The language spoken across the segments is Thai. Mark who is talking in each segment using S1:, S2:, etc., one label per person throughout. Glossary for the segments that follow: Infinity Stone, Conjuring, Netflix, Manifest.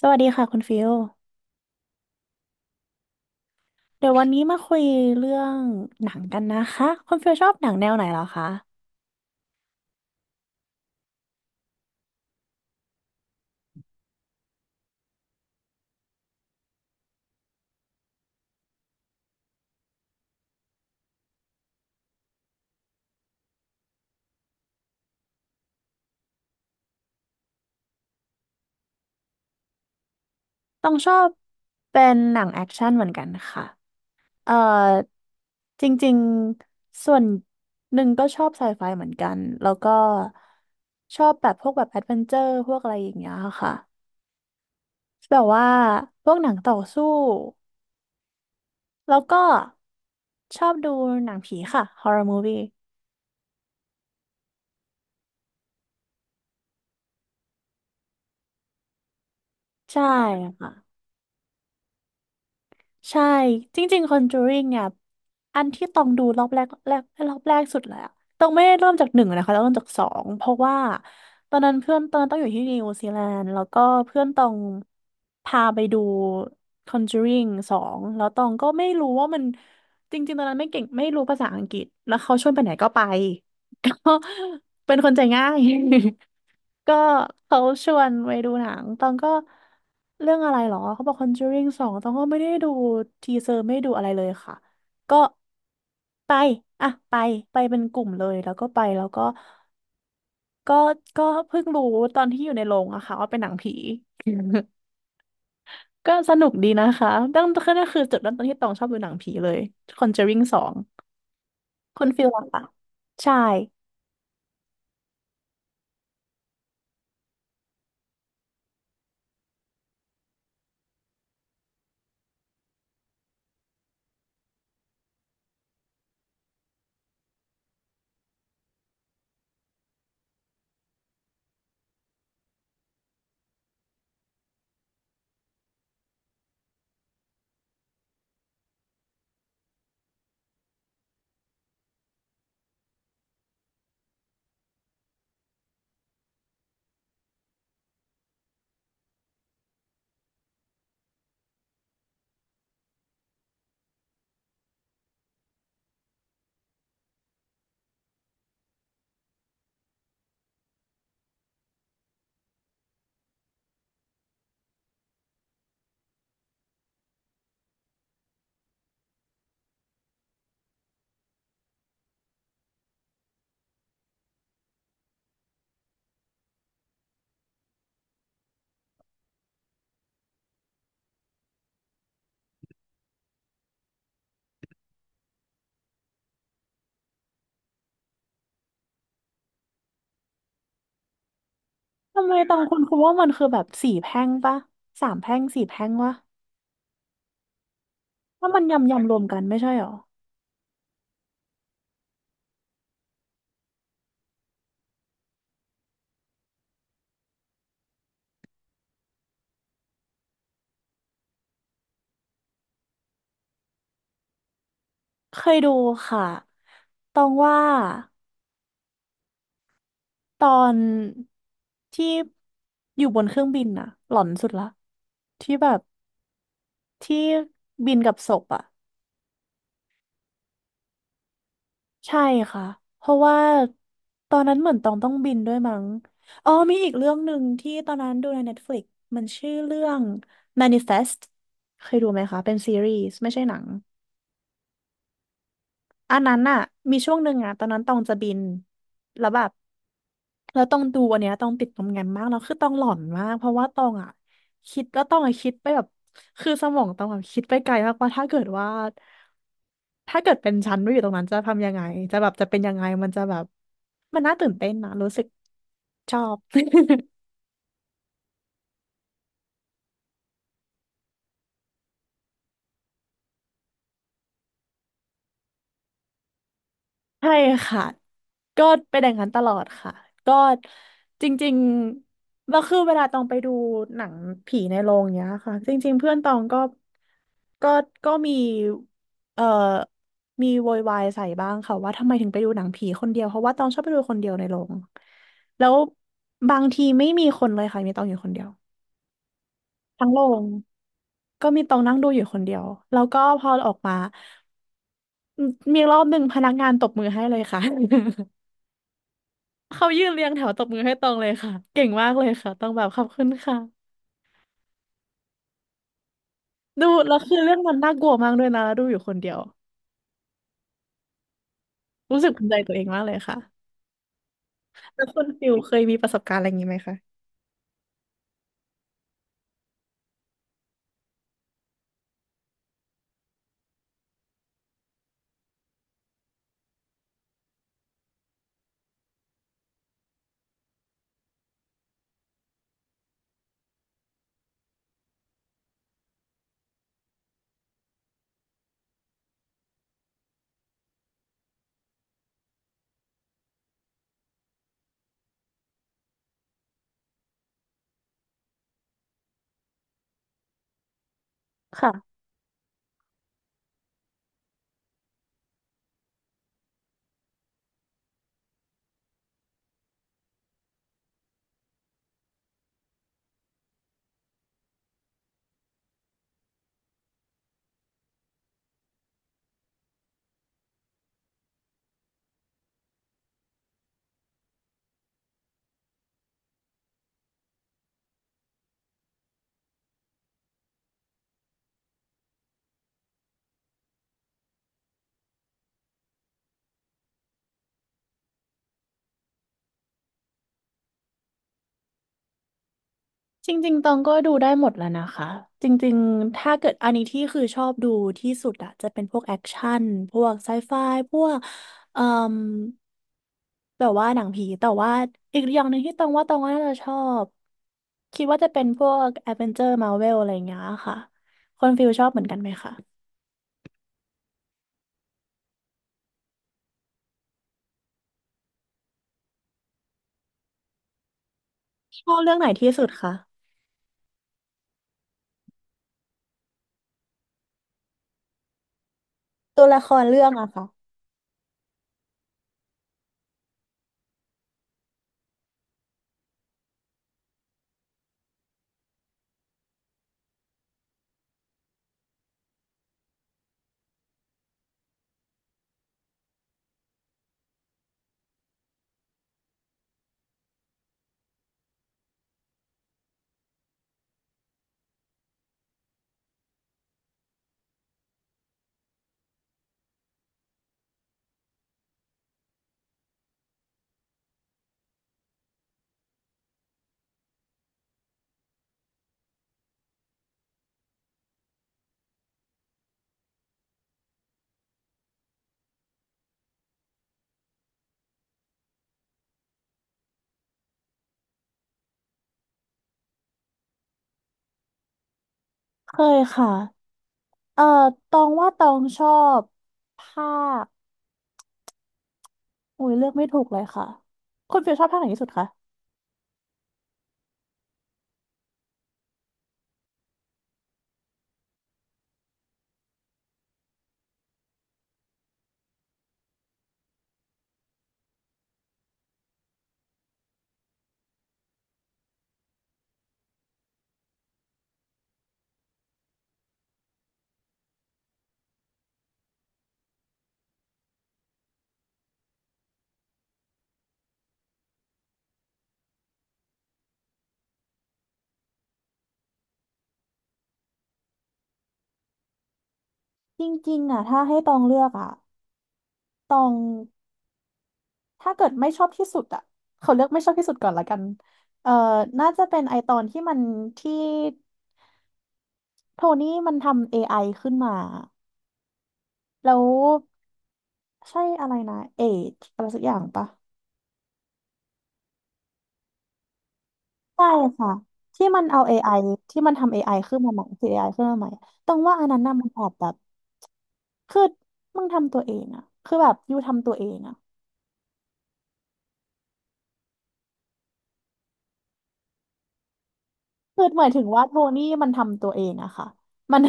S1: สวัสดีค่ะคุณฟิลเดี๋ยววันนี้มาคุยเรื่องหนังกันนะคะคุณฟิลชอบหนังแนวไหนเหรอคะต้องชอบเป็นหนังแอคชั่นเหมือนกันค่ะเอ่อจริงๆส่วนหนึ่งก็ชอบไซไฟเหมือนกันแล้วก็ชอบแบบพวกแบบแอดเวนเจอร์พวกอะไรอย่างเงี้ยค่ะแบบว่าพวกหนังต่อสู้แล้วก็ชอบดูหนังผีค่ะ h o r r o r Movie ใช่ค่ะ ใช่จริงๆคอนจูริงเนี่ยอันที่ต้องดูรอบแรกสุดเลยอะต้องไม่ได้เริ่มจากหนึ่งนะคะต้องเริ่มจากสองเพราะว่าตอนนั้นต้องอยู่ที่นิวซีแลนด์แล้วก็เพื่อนต้องพาไปดู Conjuring สองแล้วตองก็ไม่รู้ว่ามันจริงๆตอนนั้นไม่เก่งไม่รู้ภาษาอังกฤษแล้วเขาชวนไปไหนก็ไป ก็เป็นคนใจง่าย ก็เขาชวนไปดูหนัง ตองก็เรื่องอะไรหรอ เขาบอก Conjuring สองตองก็ไม่ได้ดูทีเซอร์ไม่ได้ดูอะไรเลยค่ะ ก็ไปอ่ะไปไปเป็นกลุ่มเลยแล้วก็ไปแล้วก็ก็เพิ่งรู้ตอนที่อยู่ในโรงอะค่ะว่าเป็นหนังผี ก็สนุกดีนะคะตั้งแต่นั่นคือจุดเริ่มต้นที่ตองชอบดูหนังผีเลย Conjuring สองคุณฟิลล่ะค่ะใช่ ทำไมตองคุณว่ามันคือแบบสี่แพร่งปะสามแพร่งสี่แพร่งวะ ถ้ามันยำรวมกันไม่ใช่หรอเคยดูค่ะตองว่าตอนที่อยู่บนเครื่องบินน่ะหลอนสุดละที่แบบที่บินกับศพอะใช่ค่ะเพราะว่าตอนนั้นเหมือนตองต้องบินด้วยมั้งอ๋อมีอีกเรื่องหนึ่งที่ตอนนั้นดูใน Netflix มันชื่อเรื่อง Manifest เคยดูไหมคะเป็นซีรีส์ไม่ใช่หนังอันนั้นน่ะมีช่วงหนึ่งอะตอนนั้นตองจะบินแล้วแบบ แล้วต้องดูอันเนี้ยต้องติดตรงงานมากแล้วคือต้องหลอนมากเพราะว่าต้องอ่ะคิดแล้วต้องอ่ะคิดไปแบบคือสมองต้องแบบคิดไปไกลมากว่าถ้าเกิดว่าถ้าเกิดเป็นฉันไม่อยู่ตรงนั้นจะทำยังไงจะแบบจะเป็นยังไงมันจะแบบมันน่าตื่นเต้นนะรู้สึกชอบ ใช่ค่ะก็เป็นอย่างนั้นตลอดค่ะก็จริงๆแล้วคือเวลาตองไปดูหนังผีในโรงเนี้ยค่ะจริงๆเพื่อนตองก็ก็มีเอ่อมีโวยวายใส่บ้างค่ะว่าทำไมถึงไปดูหนังผีคนเดียวเพราะว่าตองชอบไปดูคนเดียวในโรงแล้วบางทีไม่มีคนเลยค่ะมีตองอยู่คนเดียวทั้งโรงก็มีตองนั่งดูอยู่คนเดียวแล้วก็พอออกมามีรอบหนึ่งพนักงานตบมือให้เลยค่ะ เขายืนเรียงแถวตบมือให้ตรงเลยค่ะเก่งมากเลยค่ะต้องแบบขอบคุณค่ะดูแล้วคือเรื่องมันน่ากลัวมากด้วยนะแล้วดูอยู่คนเดียวรู้สึกภูมิใจตัวเองมากเลยค่ะแล้วคุณฟิลเคยมีประสบการณ์อะไรอย่างนี้ไหมคะค่ะ จริงๆตองก็ดูได้หมดแล้วนะคะจริงๆถ้าเกิดอันนี้ที่คือชอบดูที่สุดอะจะเป็นพวกแอคชั่นพวกไซไฟพวกเอ่มแบบว่าหนังผีแต่ว่าอีกอย่างหนึ่งที่ตองว่าน่าจะชอบคิดว่าจะเป็นพวกแอดเวนเจอร์มาเวลอะไรอย่างเงี้ยค่ะคนฟิลชอบเหมือนกันไหมคะชอบเรื่องไหนที่สุดคะตัวละครเรื่องอะค่ะเคยค่ะเอ่อตองว่าตองชอบภาค โอุ้ยเลือกไม่ถูกเลยค่ะคุณฟิลชอบภาคไหนที่สุดคะจริงๆอ่ะถ้าให้ตองเลือกอ่ะตองถ้าเกิดไม่ชอบที่สุดอ่ะเขาเลือกไม่ชอบที่สุดก่อนละกันเอ่อน่าจะเป็นไอตอนที่มันที่โทนี่มันทำ a อไอขึ้นมาแล้วใช่อะไรนะ Age อะไรสักอย่างปะใช่ค่ะที่มันเอา a อไอที่มันทำ a อไอขึ้นมาใหม่คือ AI ขึ้นมาใหม่ตองว่าอันนั้นน่ะมันแอบแบบคือมึงทำตัวเองอะคือแบบยูทำตัวเองอะ คือหมายถึงว่าโทนี่มันทำตัวเองอะค่ะมัน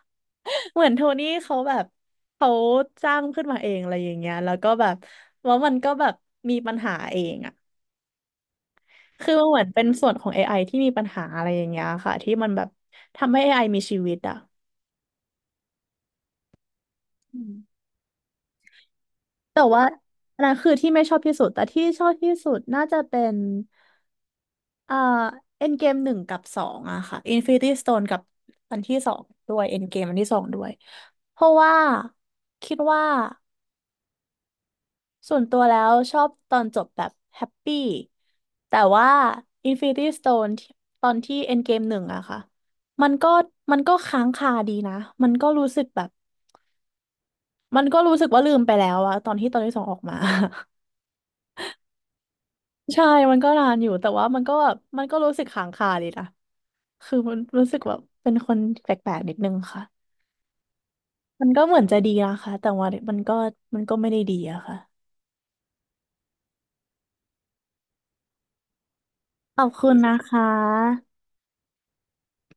S1: เหมือนโทนี่เขาแบบเขาจ้างขึ้นมาเองอะไรอย่างเงี้ยแล้วก็แบบว่ามันก็แบบมีปัญหาเองอะคือมันเหมือนเป็นส่วนของเอไ i ที่มีปัญหาอะไรอย่างเงี้ยค่ะที่มันแบบทำให้เอไอมีชีวิตอะอืมแต่ว่าอันนั้นคือที่ไม่ชอบที่สุด แต่ที่ชอบที่สุดน่าจะเป็น เอ่อเอ็นเกมหนึ่งกับสองอะค่ะ Infinity Stone กับอันที่สองด้วยเอ็นเกมอันที่สองด้วยเพราะว่าคิดว่าส่วนตัวแล้วชอบตอนจบแบบแฮปปี้แต่ว่า Infinity Stone ที่ตอนที่เอ็นเกมหนึ่งอะค่ะมันก็มันก็ค้างคาดีนะมันก็รู้สึกแบบมันก็รู้สึกว่าลืมไปแล้วอะตอนที่ตอนที่สองออกมา ใช่มันก็นานอยู่แต่ว่ามันก็แบบมันก็รู้สึกค้างคาดีนะคือมันรู้สึกแบบเป็นคนแปลกๆนิดนึงค่ะ มันก็เหมือนจะดีนะคะแต่ว่ามันก็มันก็ไม่ได้ดีอะค่ะขอบคุณนะคะ